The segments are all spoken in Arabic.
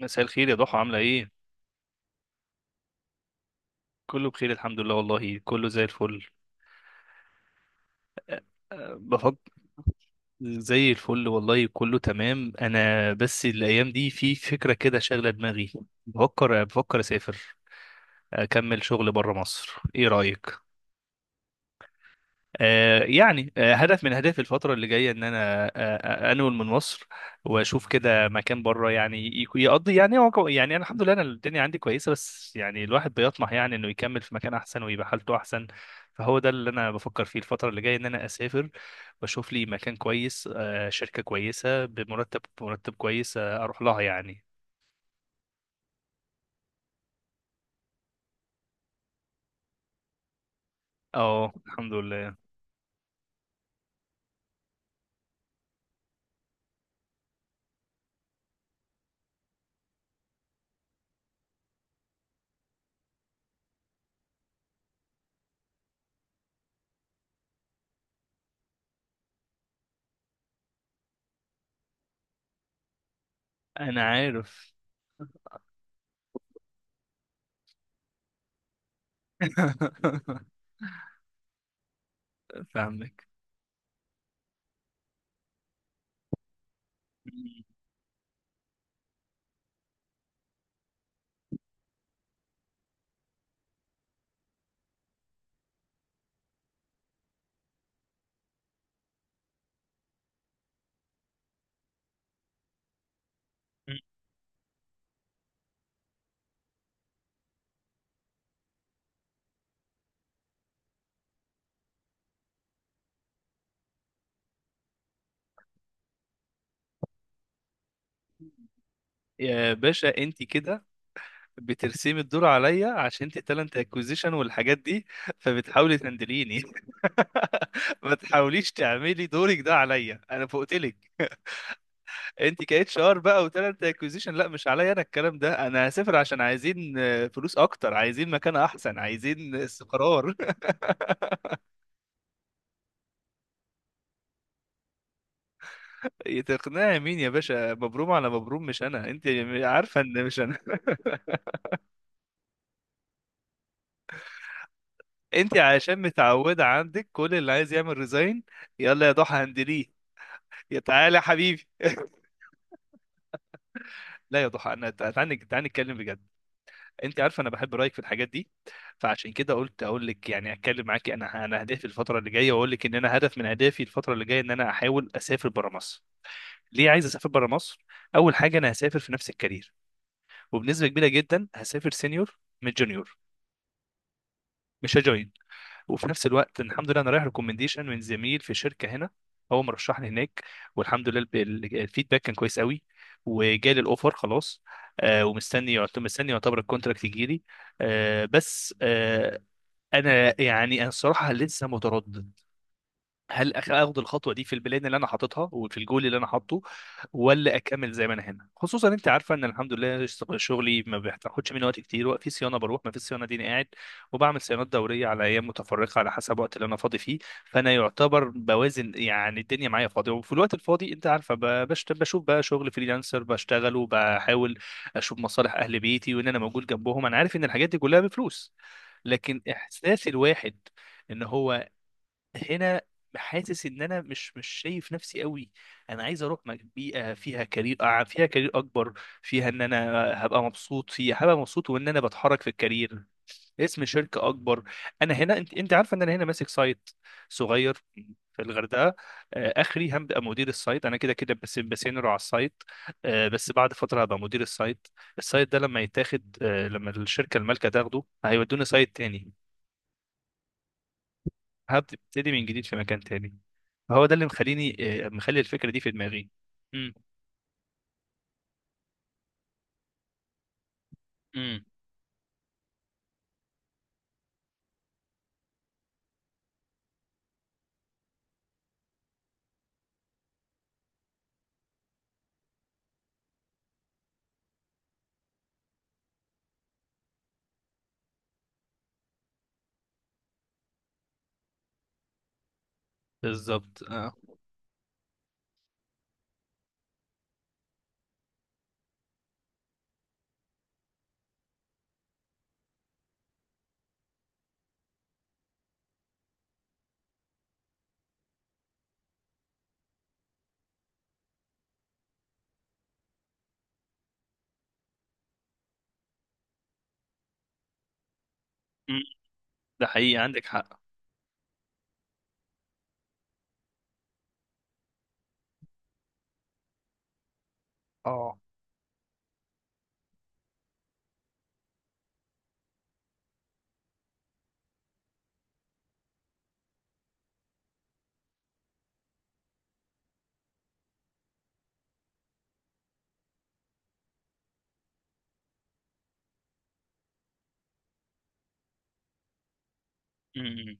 مساء الخير يا ضحى، عاملة ايه؟ كله بخير الحمد لله، والله كله زي الفل. أه، أه، بفكر. زي الفل والله، كله تمام. انا بس الايام دي في فكرة كده شاغلة دماغي. بفكر اسافر، اكمل شغل بره مصر، ايه رأيك؟ يعني، هدف من اهدافي الفتره اللي جايه ان انا انول من مصر، واشوف كده مكان بره. يعني يقضي، يعني يعني انا الحمد لله، انا الدنيا عندي كويسه، بس يعني الواحد بيطمح يعني انه يكمل في مكان احسن ويبقى حالته احسن. فهو ده اللي انا بفكر فيه الفتره اللي جايه، ان انا اسافر واشوف لي مكان كويس، شركه كويسه بمرتب مرتب كويس، اروح لها يعني. اه الحمد لله. انا عارف. فاهمك. يا باشا انت كده بترسمي الدور عليا، عشان انت تالنت اكوزيشن والحاجات دي، فبتحاولي تهندليني. ما تحاوليش تعملي دورك ده عليا، انا فوقتلك. انت كاتش ار بقى وتالنت اكوزيشن، لا مش عليا انا الكلام ده. انا هسافر عشان عايزين فلوس اكتر، عايزين مكان احسن، عايزين استقرار. تقنعي مين يا باشا؟ مبروم على مبروم، مش انا انت. عارفه ان مش انا. انت عشان متعوده عندك كل اللي عايز يعمل ريزاين: يلا يا ضحى هندليه. يا تعالى يا حبيبي، لا يا ضحى، انا تعالى تعالى نتكلم بجد. انت عارفه انا بحب رايك في الحاجات دي، فعشان كده قلت اقول لك، يعني اتكلم معاكي. انا اهدافي الفتره اللي جايه، واقول لك ان انا هدف من اهدافي الفتره اللي جايه ان انا احاول اسافر بره مصر. ليه عايز اسافر بره مصر؟ اول حاجه، انا هسافر في نفس الكارير، وبنسبه كبيره جدا هسافر سينيور من جونيور، مش هجوين. وفي نفس الوقت الحمد لله انا رايح ريكومنديشن من زميل في شركه هنا، هو مرشحني هناك، والحمد لله الفيدباك كان كويس قوي، وجالي الاوفر خلاص. آه، ومستني مستني يعتبر الكونتراكت يجي لي. آه بس آه انا يعني انا الصراحه لسه متردد، هل اخد الخطوه دي في البلان اللي انا حاططها وفي الجول اللي انا حاطه، ولا اكمل زي ما انا هنا. خصوصا انت عارفه ان الحمد لله شغلي ما بياخدش مني وقت كتير. وقت في صيانه بروح، ما في صيانه دي أنا قاعد، وبعمل صيانات دوريه على ايام متفرقه على حسب الوقت اللي انا فاضي فيه. فانا يعتبر بوازن، يعني الدنيا معايا فاضيه، وفي الوقت الفاضي انت عارفه بشوف بقى شغل فريلانسر بشتغله، بحاول اشوف مصالح اهل بيتي وان انا موجود جنبهم. انا عارف ان الحاجات دي كلها بفلوس، لكن احساس الواحد ان هو هنا حاسس ان انا مش شايف نفسي قوي. انا عايز اروح بيئه فيها كارير، فيها كارير اكبر، فيها ان انا هبقى مبسوط فيها، هبقى مبسوط، وان انا بتحرك في الكارير. اسم شركه اكبر. انا هنا، انت عارفه ان انا هنا ماسك سايت صغير في الغردقه. اخري هبقى مدير السايت. انا كده كده بس بسينر على السايت، بس بعد فتره هبقى مدير السايت. السايت ده لما يتاخد، لما الشركه المالكه تاخده، هيودوني سايت تاني، هبتدي من جديد في مكان تاني. هو ده اللي مخليني، مخلي الفكرة دي في دماغي. امم امم بالظبط اه. مم. ده حقيقي، عندك حق. اه. امم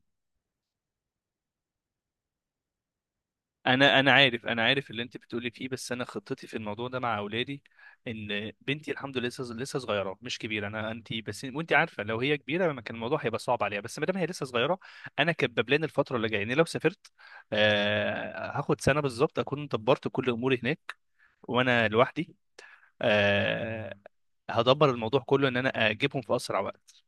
انا عارف، انا عارف اللي انت بتقولي فيه، بس انا خطتي في الموضوع ده مع اولادي ان بنتي الحمد لله لسه صغيره مش كبيره. انا انت بس وانت عارفه لو هي كبيره ما كان الموضوع هيبقى صعب عليها، بس ما دام هي لسه صغيره، انا كباب لنا الفتره اللي جايه. يعني لو سافرت، آه، هاخد سنه بالظبط اكون دبرت كل اموري هناك، وانا لوحدي. آه، هدبر الموضوع كله ان انا اجيبهم في اسرع وقت.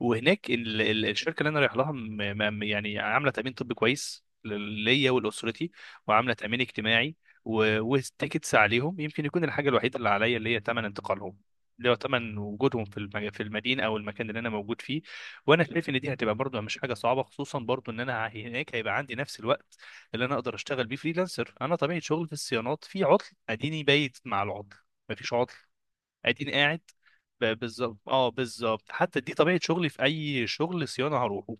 وهناك الشركه اللي انا رايح لها يعني عامله تامين طبي كويس ليا ولاسرتي، وعامله تامين اجتماعي، والتيكتس عليهم. يمكن يكون الحاجه الوحيده اللي عليا اللي هي ثمن انتقالهم، اللي هو ثمن وجودهم في في المدينه او المكان اللي انا موجود فيه. وانا شايف ان دي هتبقى برضو مش حاجه صعبه، خصوصا برضو ان انا هناك هيبقى عندي نفس الوقت اللي انا اقدر اشتغل بيه فريلانسر. انا طبيعه شغل في الصيانات، في عطل اديني بايت مع العطل، مفيش عطل اديني قاعد. بالظبط اه، بالظبط. حتى دي طبيعه شغلي، في اي شغل صيانه هروحه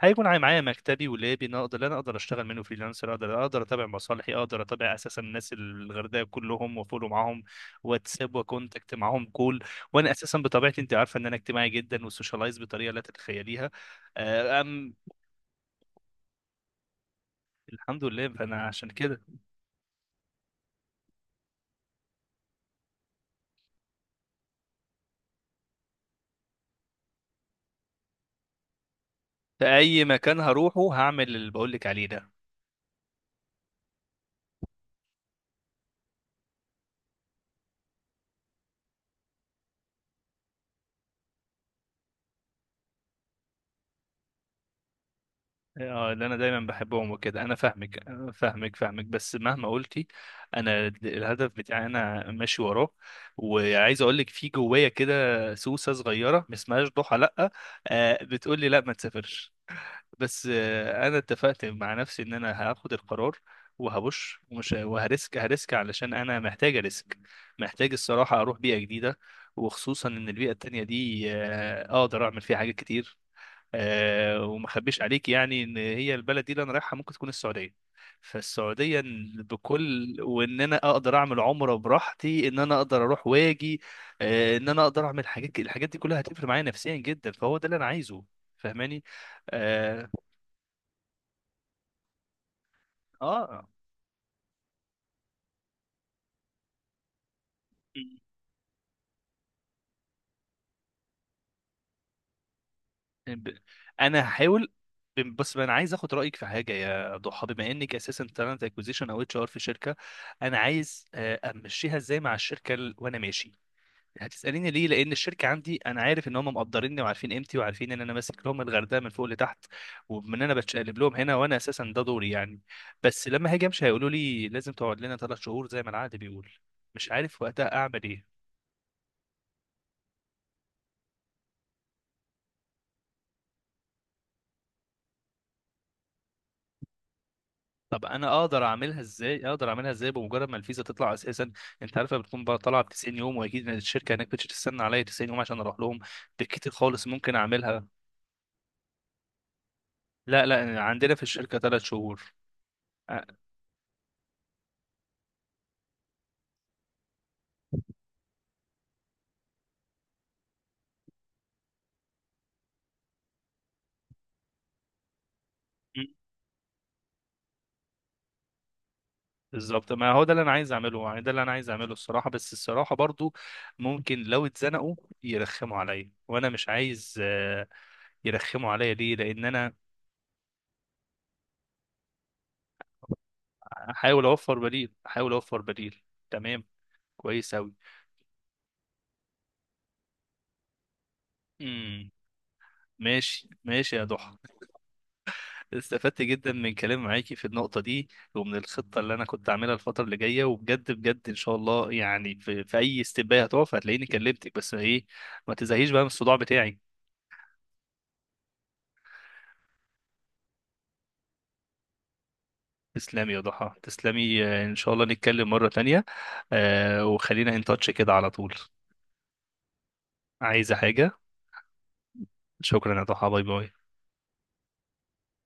هيكون معايا مكتبي ولابي. انا اقدر اشتغل منه فريلانسر، اقدر اتابع مصالحي، اقدر اتابع اساسا الناس الغردقه كلهم، وافولو معاهم واتساب وكونتاكت معاهم كول. وانا اساسا بطبيعتي انت عارفه ان انا اجتماعي جدا، وسوشيالايز بطريقه لا تتخيليها. آه، ام الحمد لله، فانا عشان كده في اي مكان هروحه هعمل اللي بقول لك عليه ده. اه، اللي انا دايما بحبهم وكده، انا فاهمك، أنا فاهمك بس مهما قلتي، انا الهدف بتاعي انا ماشي وراه. وعايز اقول لك في جوايا كده سوسه صغيره، ما اسمهاش ضحى لا، بتقول لي لا ما تسافرش، بس انا اتفقت مع نفسي ان انا هاخد القرار وهبش ومش وهرسك هرسك، علشان انا محتاج ريسك، محتاج الصراحه اروح بيئه جديده. وخصوصا ان البيئه التانية دي اقدر اعمل فيها حاجات كتير. وما اخبيش عليك يعني ان هي البلد دي اللي انا رايحها ممكن تكون السعوديه. فالسعوديه إن بكل، وان انا اقدر اعمل عمره براحتي، ان انا اقدر اروح واجي، ان انا اقدر اعمل حاجات، الحاجات دي كلها هتفرق معايا نفسيا جدا، فهو ده اللي انا عايزه. فاهماني؟ اه, آه. ب- انا هحاول. بس انا عايز اخد رايك في حاجه يا ضحى، بما انك اساسا تالنت اكوزيشن او اتش ار في شركه. انا عايز امشيها ازاي مع الشركه وانا ماشي. هتسأليني ليه؟ لأن الشركة عندي، أنا عارف إن هم مقدريني وعارفين قيمتي وعارفين إن أنا ماسك لهم الغردقة من فوق لتحت، وإن أنا بتشقلب لهم هنا، وأنا أساسا ده دوري يعني. بس لما هاجي أمشي هيقولوا لي لازم تقعد لنا 3 شهور زي ما العقد بيقول. مش عارف وقتها أعمل إيه. طب أنا أقدر أعملها إزاي؟ أقدر أعملها إزاي بمجرد ما الفيزا تطلع أساسا. أنت عارفة بتكون بقى طالعة ب 90 يوم، وأكيد إن الشركة هناك مش هتستنى عليا 90 يوم عشان أروح لهم. بالكتير خالص ممكن أعملها. لا لا، عندنا في الشركة 3 شهور. بالظبط، ما هو ده اللي انا عايز اعمله يعني، ده اللي انا عايز اعمله الصراحه. بس الصراحه برضو ممكن لو اتزنقوا يرخموا عليا، وانا مش عايز يرخموا عليا. ليه؟ لان انا احاول اوفر بديل، احاول اوفر بديل. تمام. كويس اوي. امم ماشي ماشي يا ضحى. استفدت جدا من كلام معاكي في النقطه دي، ومن الخطه اللي انا كنت اعملها الفتره اللي جايه. وبجد بجد، ان شاء الله يعني في، في اي استباية هتقف هتلاقيني كلمتك، بس ايه، ما تزهقيش بقى من الصداع بتاعي. تسلمي يا ضحى، تسلمي. ان شاء الله نتكلم مرة تانية، وخلينا ان تاتش كده على طول. عايزة حاجة؟ شكرا يا ضحى، باي باي.